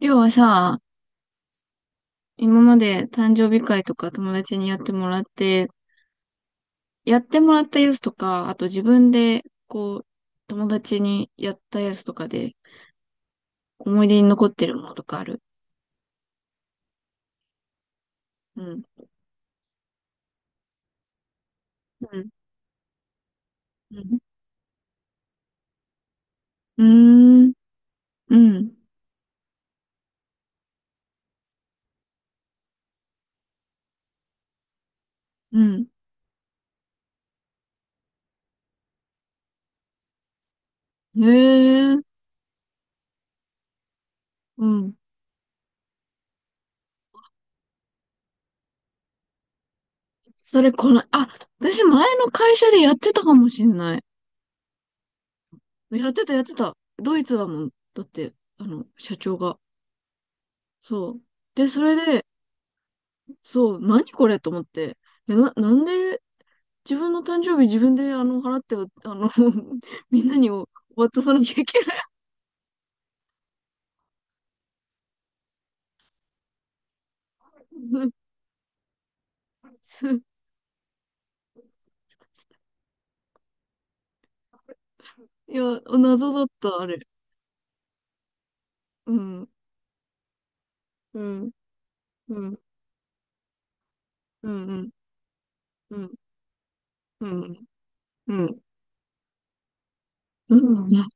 りょうはさ、今まで誕生日会とか友達にやってもらって、やってもらったやつとか、あと自分で、友達にやったやつとかで、思い出に残ってるものとかある？うん。うん。うん。うーん。うん。うん。へえ。うん。それ、この、あ、私前の会社でやってたかもしんない。やってた、やってた。ドイツだもん。だって、社長が。そう。で、それで、そう、何これと思って。なんで自分の誕生日自分で払って、あの みんなに渡さなきゃいけない。そう。いや、謎だった、あれ。うん、うん、うん、うん、うん、うん、うん、うん、うん、うん。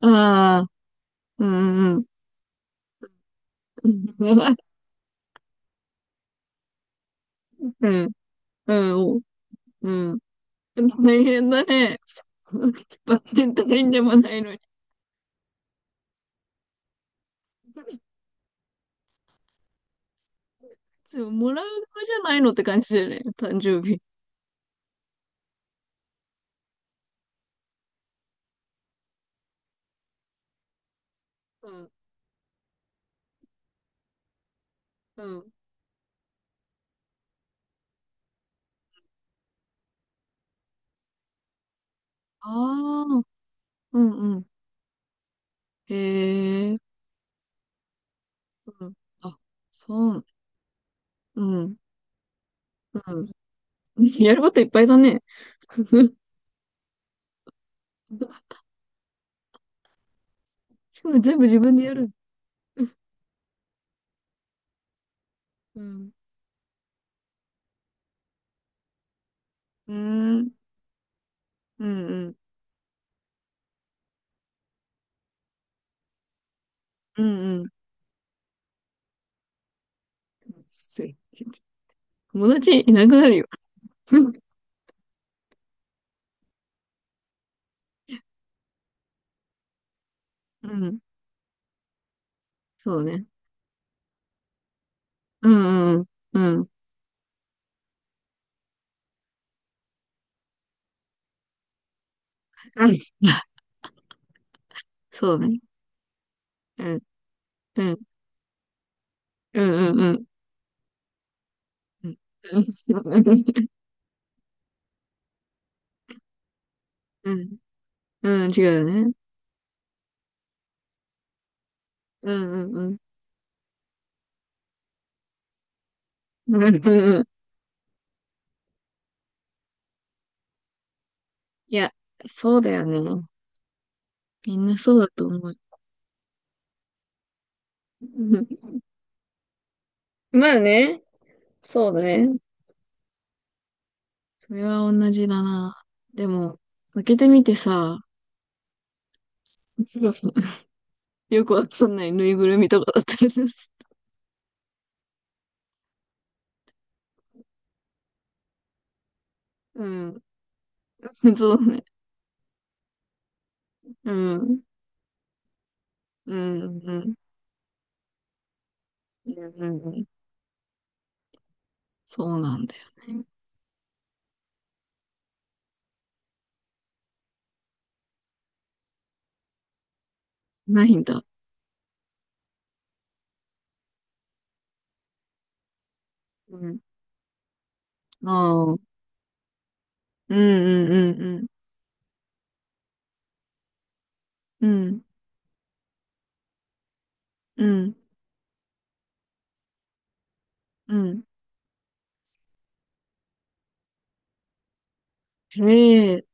ああ、うん、うん、うん、うん、うん、うん。大変だね。バレンタインでもないのに。そう、もらう側じゃないのって感じだよね、誕生日。うん、うん。ああ、うんうん。へえ、うん。あ、そう、うん、うん。やることいっぱいだね。しかも全部自分でやる。うん。うーん、うん、うん、うん、うん。す友達いなくなるよ。うん、そうね。うん、うん、うん。うん、そうね。うん、うん、うん、うん、うん。うん、うん、うん、違うよね。うん、うん、うん。うん、うん。いや、そうだよね。みんなそうだと思う。まあね。そうだね。それは同じだな。でも、開けてみてさ、よくわかんないぬいぐるみとかだったりです。うん。そうね。うん。うん。うん。うん。うん。そうなんだよね。ないんだ。うん。ああ。うんうんうんうん。うん。うん。うん。えれ、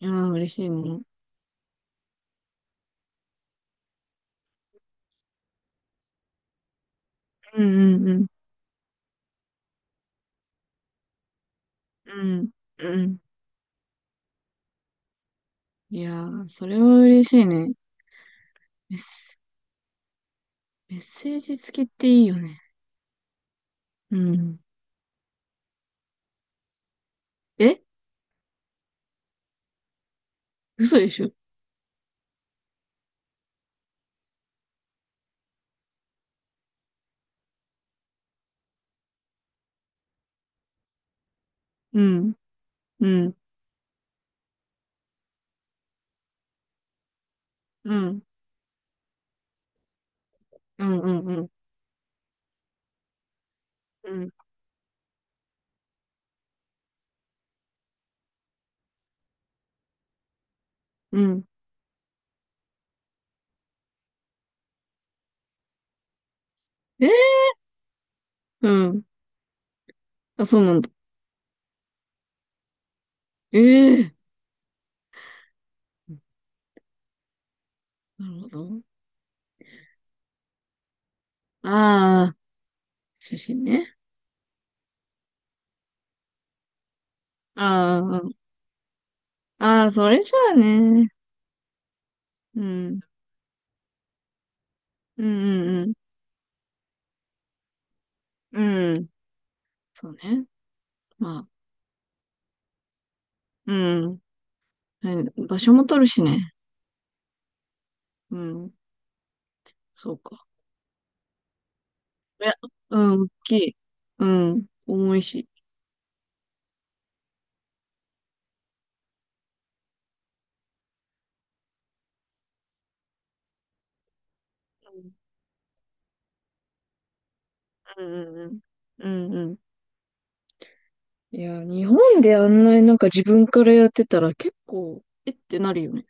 いや、嬉しいもん。うんうんうん。うん。うん。いやー、それは嬉しいね。ですメッセージ付きっていいよね。うん。え、嘘でしょ？うん。うん。うん。うん。うん。うん。うん。うん。えー。うん。あ、そうなんだ。ええー、なるほど。ああ、写真ね。ああ、うん。ああ、それじゃあね。うん。うんうんうん。うん。そうね。まあ、うん。はい。場所も取るしね。うん。そうか。いや、うん、大きい。うん。重いし。うんうんうん。うんうん。いや、日本であんなになんか自分からやってたら結構、えってなるよね。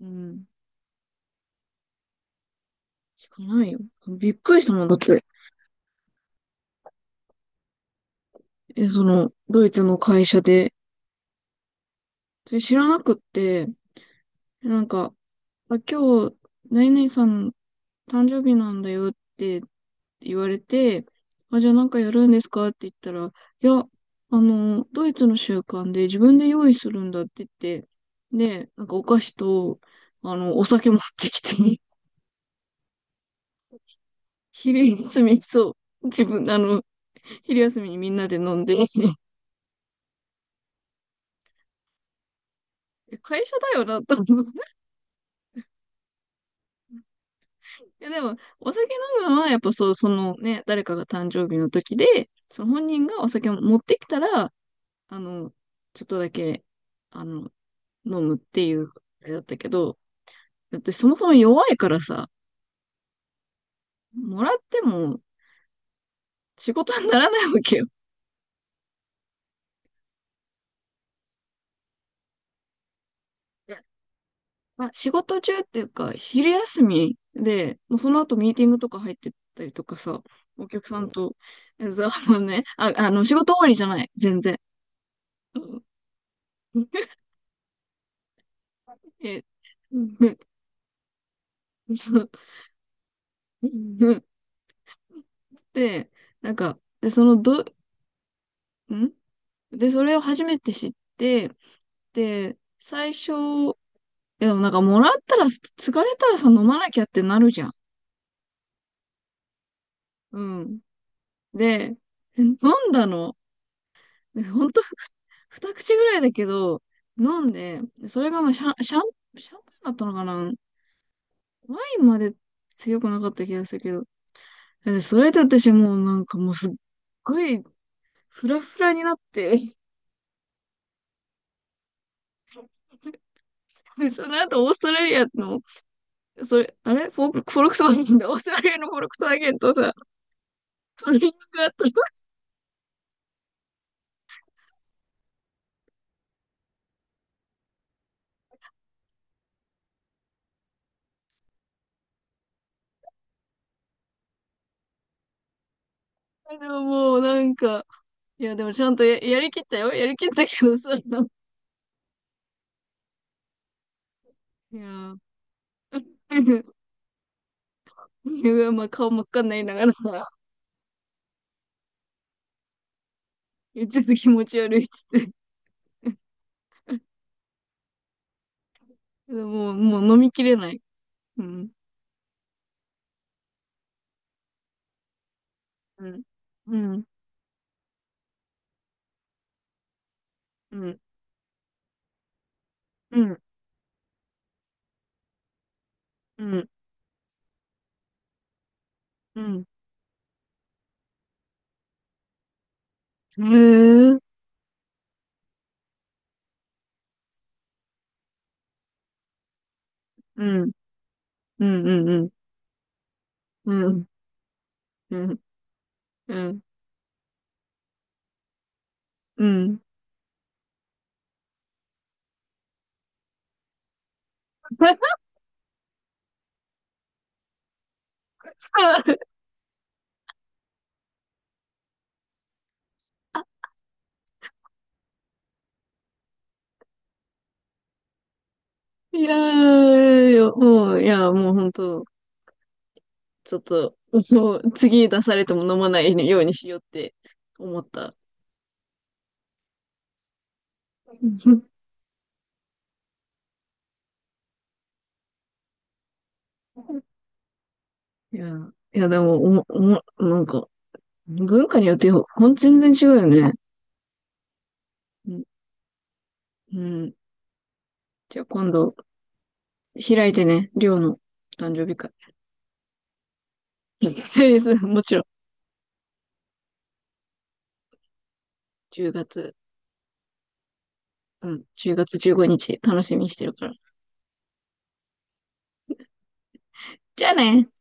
うん。聞かないよ。びっくりしたもんだって。え、その、ドイツの会社で。それ知らなくって、なんか、あ、今日、何々さん誕生日なんだよって言われて、あ、じゃあなんかやるんですかって言ったら、いや、あの、ドイツの習慣で自分で用意するんだって言って、で、なんかお菓子と、あの、お酒持ってきて昼休み、そう。自分、あの、昼休みにみんなで飲んで、会社だよな、と思う。いや、でも、お酒飲むのは、やっぱそう、そのね、誰かが誕生日の時で、その本人がお酒を持ってきたら、あの、ちょっとだけ、あの、飲むっていう、あれだったけど、だってそもそも弱いからさ、もらっても仕事にならないわけよ。まあ、仕事中っていうか、昼休みで、もうその後ミーティングとか入ってったりとかさ、お客さんと、えざあのね、あ、あの、仕事終わりじゃない、全然。うん。 え、うん、そう。うん。で、なんか、で、その、ど、んで、それを初めて知って、で、最初、いやでもなんか、もらったら、疲れたらさ、飲まなきゃってなるじゃん。うん。で、飲んだの。で、ほんと、二口ぐらいだけど、飲んで、それがまあシャンパンだったのかな。ワインまで強くなかった気がするけど。で、それで私もうなんかもうすっごいフラフラになって、で、その後オーストラリアの、それ、あれフォ、フォルクスワーゲンだ。オーストラリアのフォルクスワーゲンとさ、トレーニングがあったけど、もうなんか、いや、でもちゃんとやりきったよ。やりきったけどさ、いやー、いやまあ顔真っ赤になりながらちょっと気持ち悪いっつって。もう、もう飲みきれない。うん。うん。うん。うん。うん。うん。うん。へえ。うん。うん。うん。うん。うん。うん。うん。うん。いやーよ、もう、いや、もう本当、ちょっと、もう次出されても飲まないようにしようって思った。いや、いや、でも、おも、おも、なんか、文化によって全然違うよね。うん。うん。じゃあ今度開いてね、りょうの誕生日会。もちろん。10月、うん、10月15日楽しみにしてるから。じゃあねー。